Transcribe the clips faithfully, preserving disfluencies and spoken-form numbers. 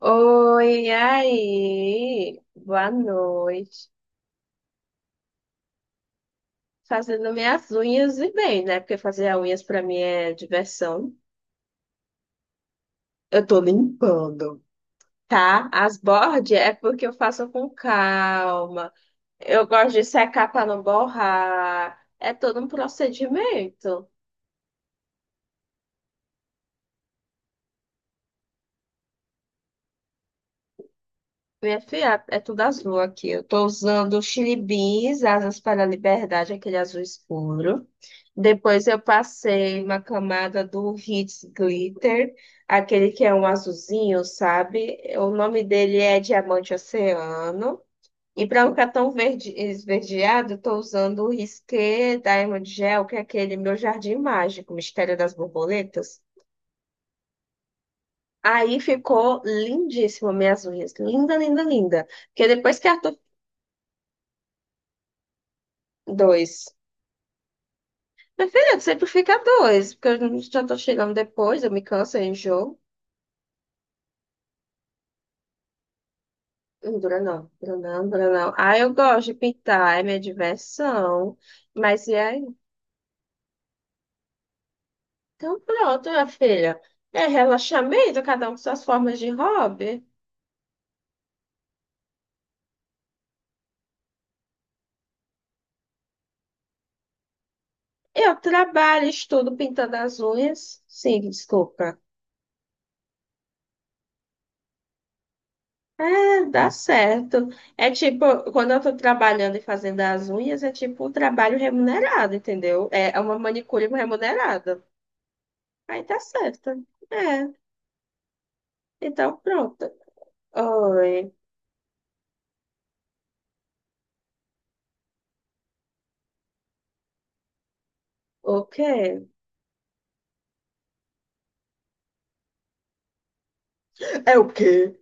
Oi, e aí? Boa noite. Fazendo minhas unhas e bem, né? Porque fazer as unhas pra mim é diversão. Eu tô limpando, tá? As bordes é porque eu faço com calma. Eu gosto de secar pra não borrar. É todo um procedimento. Minha filha, é tudo azul aqui. Eu tô usando o Chili Beans, Asas para a Liberdade, aquele azul escuro. Depois eu passei uma camada do Hits Glitter, aquele que é um azulzinho, sabe? O nome dele é Diamante Oceano. E para não ficar tão verde, esverdeado, estou usando o Risqué Diamond Gel, que é aquele meu jardim mágico, Mistério das Borboletas. Aí ficou lindíssimo minhas unhas. Linda, linda, linda. Porque depois que a Arthur... Dois. Meu filho, sempre fica dois, porque eu já estou chegando depois, eu me canso, eu enjoo. Hum, Dura não, dura não, dura não. Ah, eu gosto de pintar, é minha diversão. Mas e aí? Então pronto, minha filha. É relaxamento, cada um com suas formas de hobby. Eu trabalho, estudo pintando as unhas. Sim, desculpa. É, dá certo. É tipo, quando eu tô trabalhando e fazendo as unhas, é tipo um trabalho remunerado, entendeu? É uma manicure remunerada. Aí tá certo. É, então pronto. Oi, o quê? É o quê?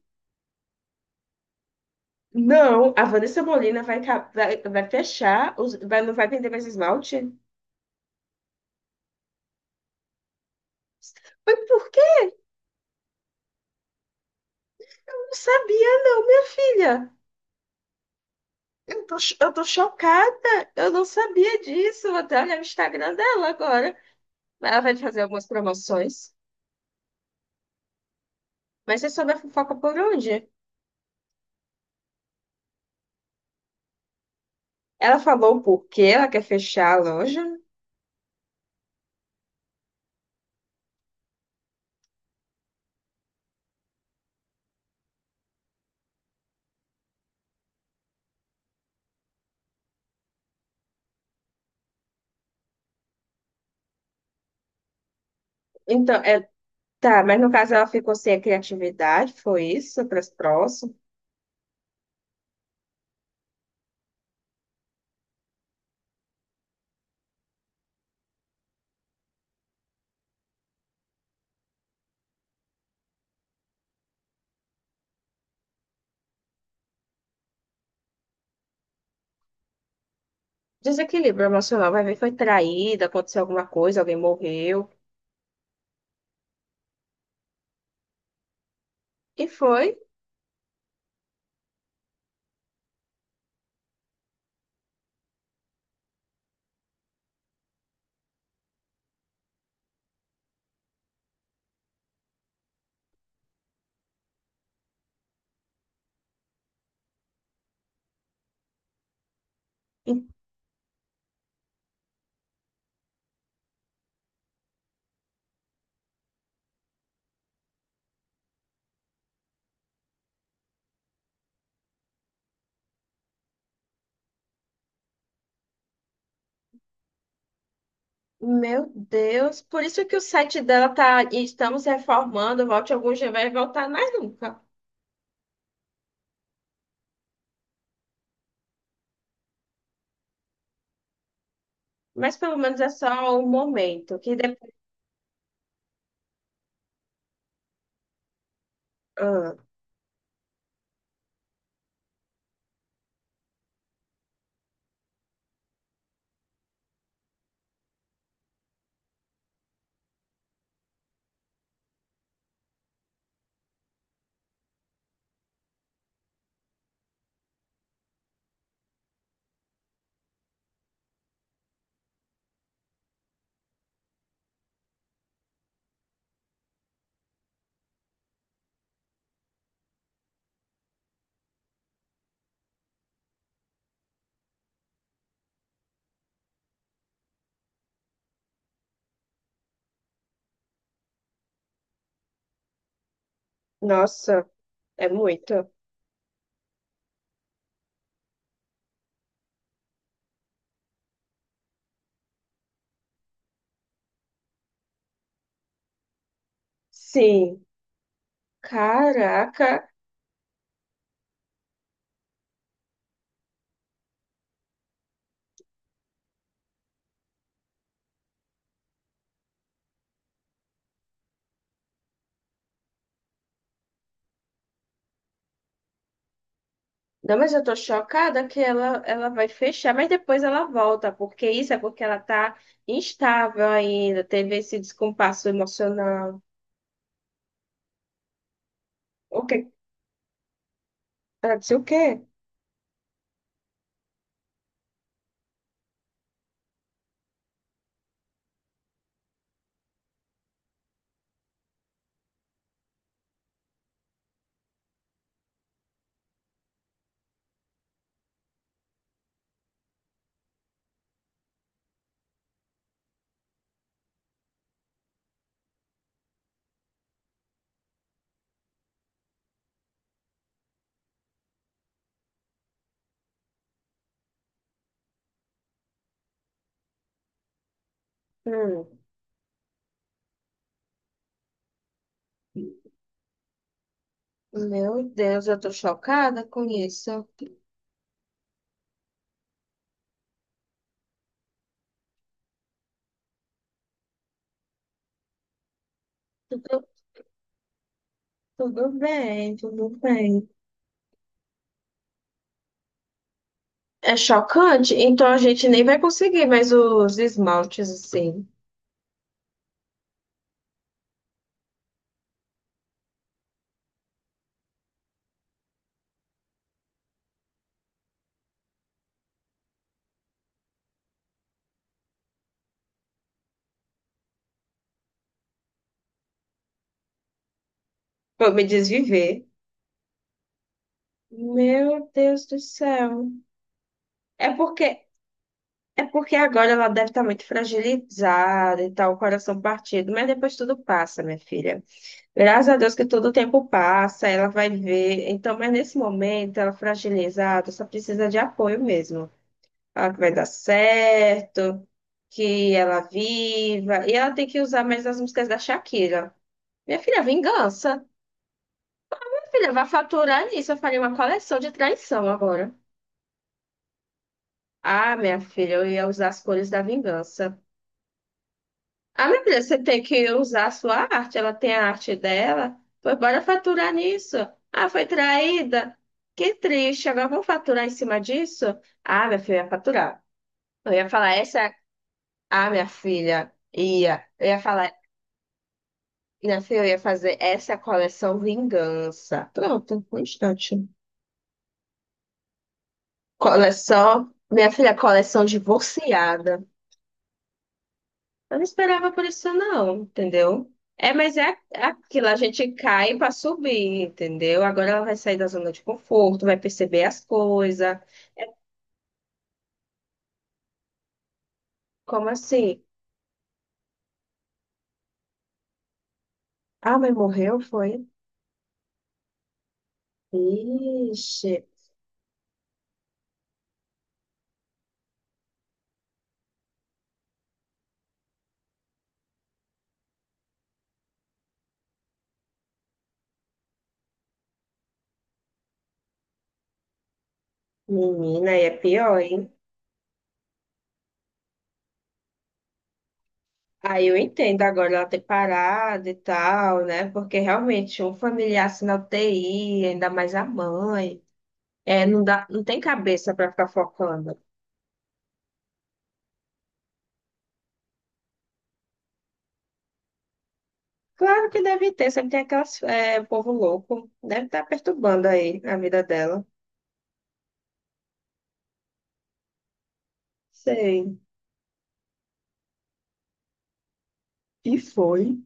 Não, a Vanessa Molina vai, ca- vai, vai fechar, os- vai, não vai vender mais esmalte? Mas por que? Eu não sabia, não, minha filha. Eu tô, cho- eu tô chocada. Eu não sabia disso. Vou até olhar o Instagram dela agora. Ela vai fazer algumas promoções. Mas você soube a fofoca por onde? Ela falou o porquê ela quer fechar a loja. Então, é, tá, mas no caso ela ficou sem a criatividade, foi isso, para as Desequilíbrio emocional, vai ver, foi traída, aconteceu alguma coisa, alguém morreu. E foi. E- Meu Deus, por isso que o site dela tá. E estamos reformando, volte algum dia, vai voltar mais nunca. Mas pelo menos é só um momento. Que depois... Nossa, é muito. Sim. Caraca. Não, mas eu tô chocada que ela, ela vai fechar, mas depois ela volta, porque isso é porque ela tá instável ainda, teve esse descompasso emocional. O quê? Ela disse o quê? Hum. Meu Deus, eu tô chocada com isso. Tudo, tudo bem, tudo bem. É chocante, então a gente nem vai conseguir mais os esmaltes assim. Vou me desviver. Meu Deus do céu. É porque É porque agora ela deve estar muito fragilizada e tal, o coração partido, mas depois tudo passa, minha filha. Graças a Deus que todo o tempo passa, ela vai ver. Então, mas nesse momento, ela fragilizada, só precisa de apoio mesmo. Ela que vai dar certo, que ela viva. E ela tem que usar mais as músicas da Shakira. Minha filha, vingança. Minha filha, vai faturar nisso. Eu faria uma coleção de traição agora. Ah, minha filha, eu ia usar as cores da vingança. Ah, minha filha, você tem que usar a sua arte, ela tem a arte dela. Pois bora faturar nisso. Ah, foi traída. Que triste, agora vamos faturar em cima disso? Ah, minha filha, eu ia faturar. Eu ia falar essa. Ah, minha filha, ia. Eu ia falar, minha filha, eu ia fazer essa coleção Vingança. Pronto, um instante. Coleção, minha filha, coleção divorciada. Eu não esperava por isso, não, entendeu? É, mas é é aquilo, a gente cai para subir, entendeu? Agora ela vai sair da zona de conforto, vai perceber as coisas. É como assim? Ah, mas morreu, foi? Ixi, menina, aí é pior, hein? Aí eu entendo agora ela ter parado e tal, né? Porque realmente um familiar assim na U T I, ainda mais a mãe, é, não dá, não tem cabeça para ficar focando. Claro que deve ter, sempre tem aquelas é, povo louco. Deve estar perturbando aí a vida dela. Sei. E foi.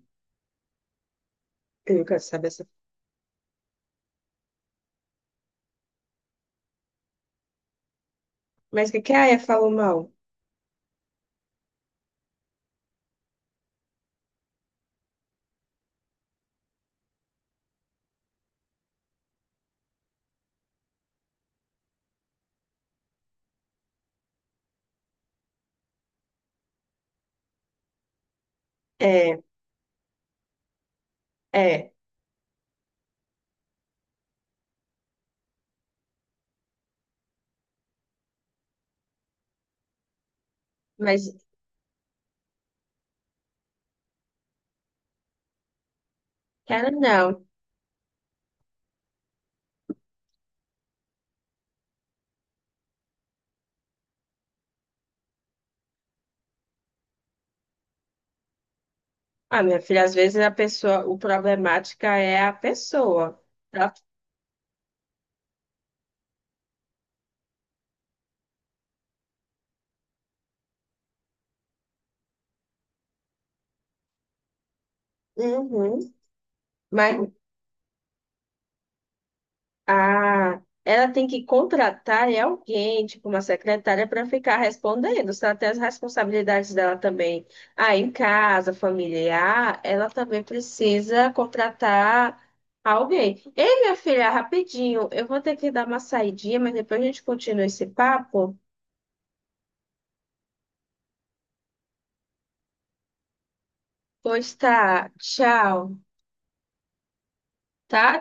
Eu quero saber essa. Mas o que que a Aya falou mal? É, é. Mas, cara, não. Ah, minha filha, às vezes a pessoa, o problemática é a pessoa. Tá? Uhum. Mas ah, ela tem que contratar é alguém, tipo uma secretária, para ficar respondendo. Se ela tem as responsabilidades dela também, ah, em casa, familiar, ela também precisa contratar alguém. Ei, minha filha, rapidinho, eu vou ter que dar uma saidinha, mas depois a gente continua esse papo. Pois tá, tchau. Tá?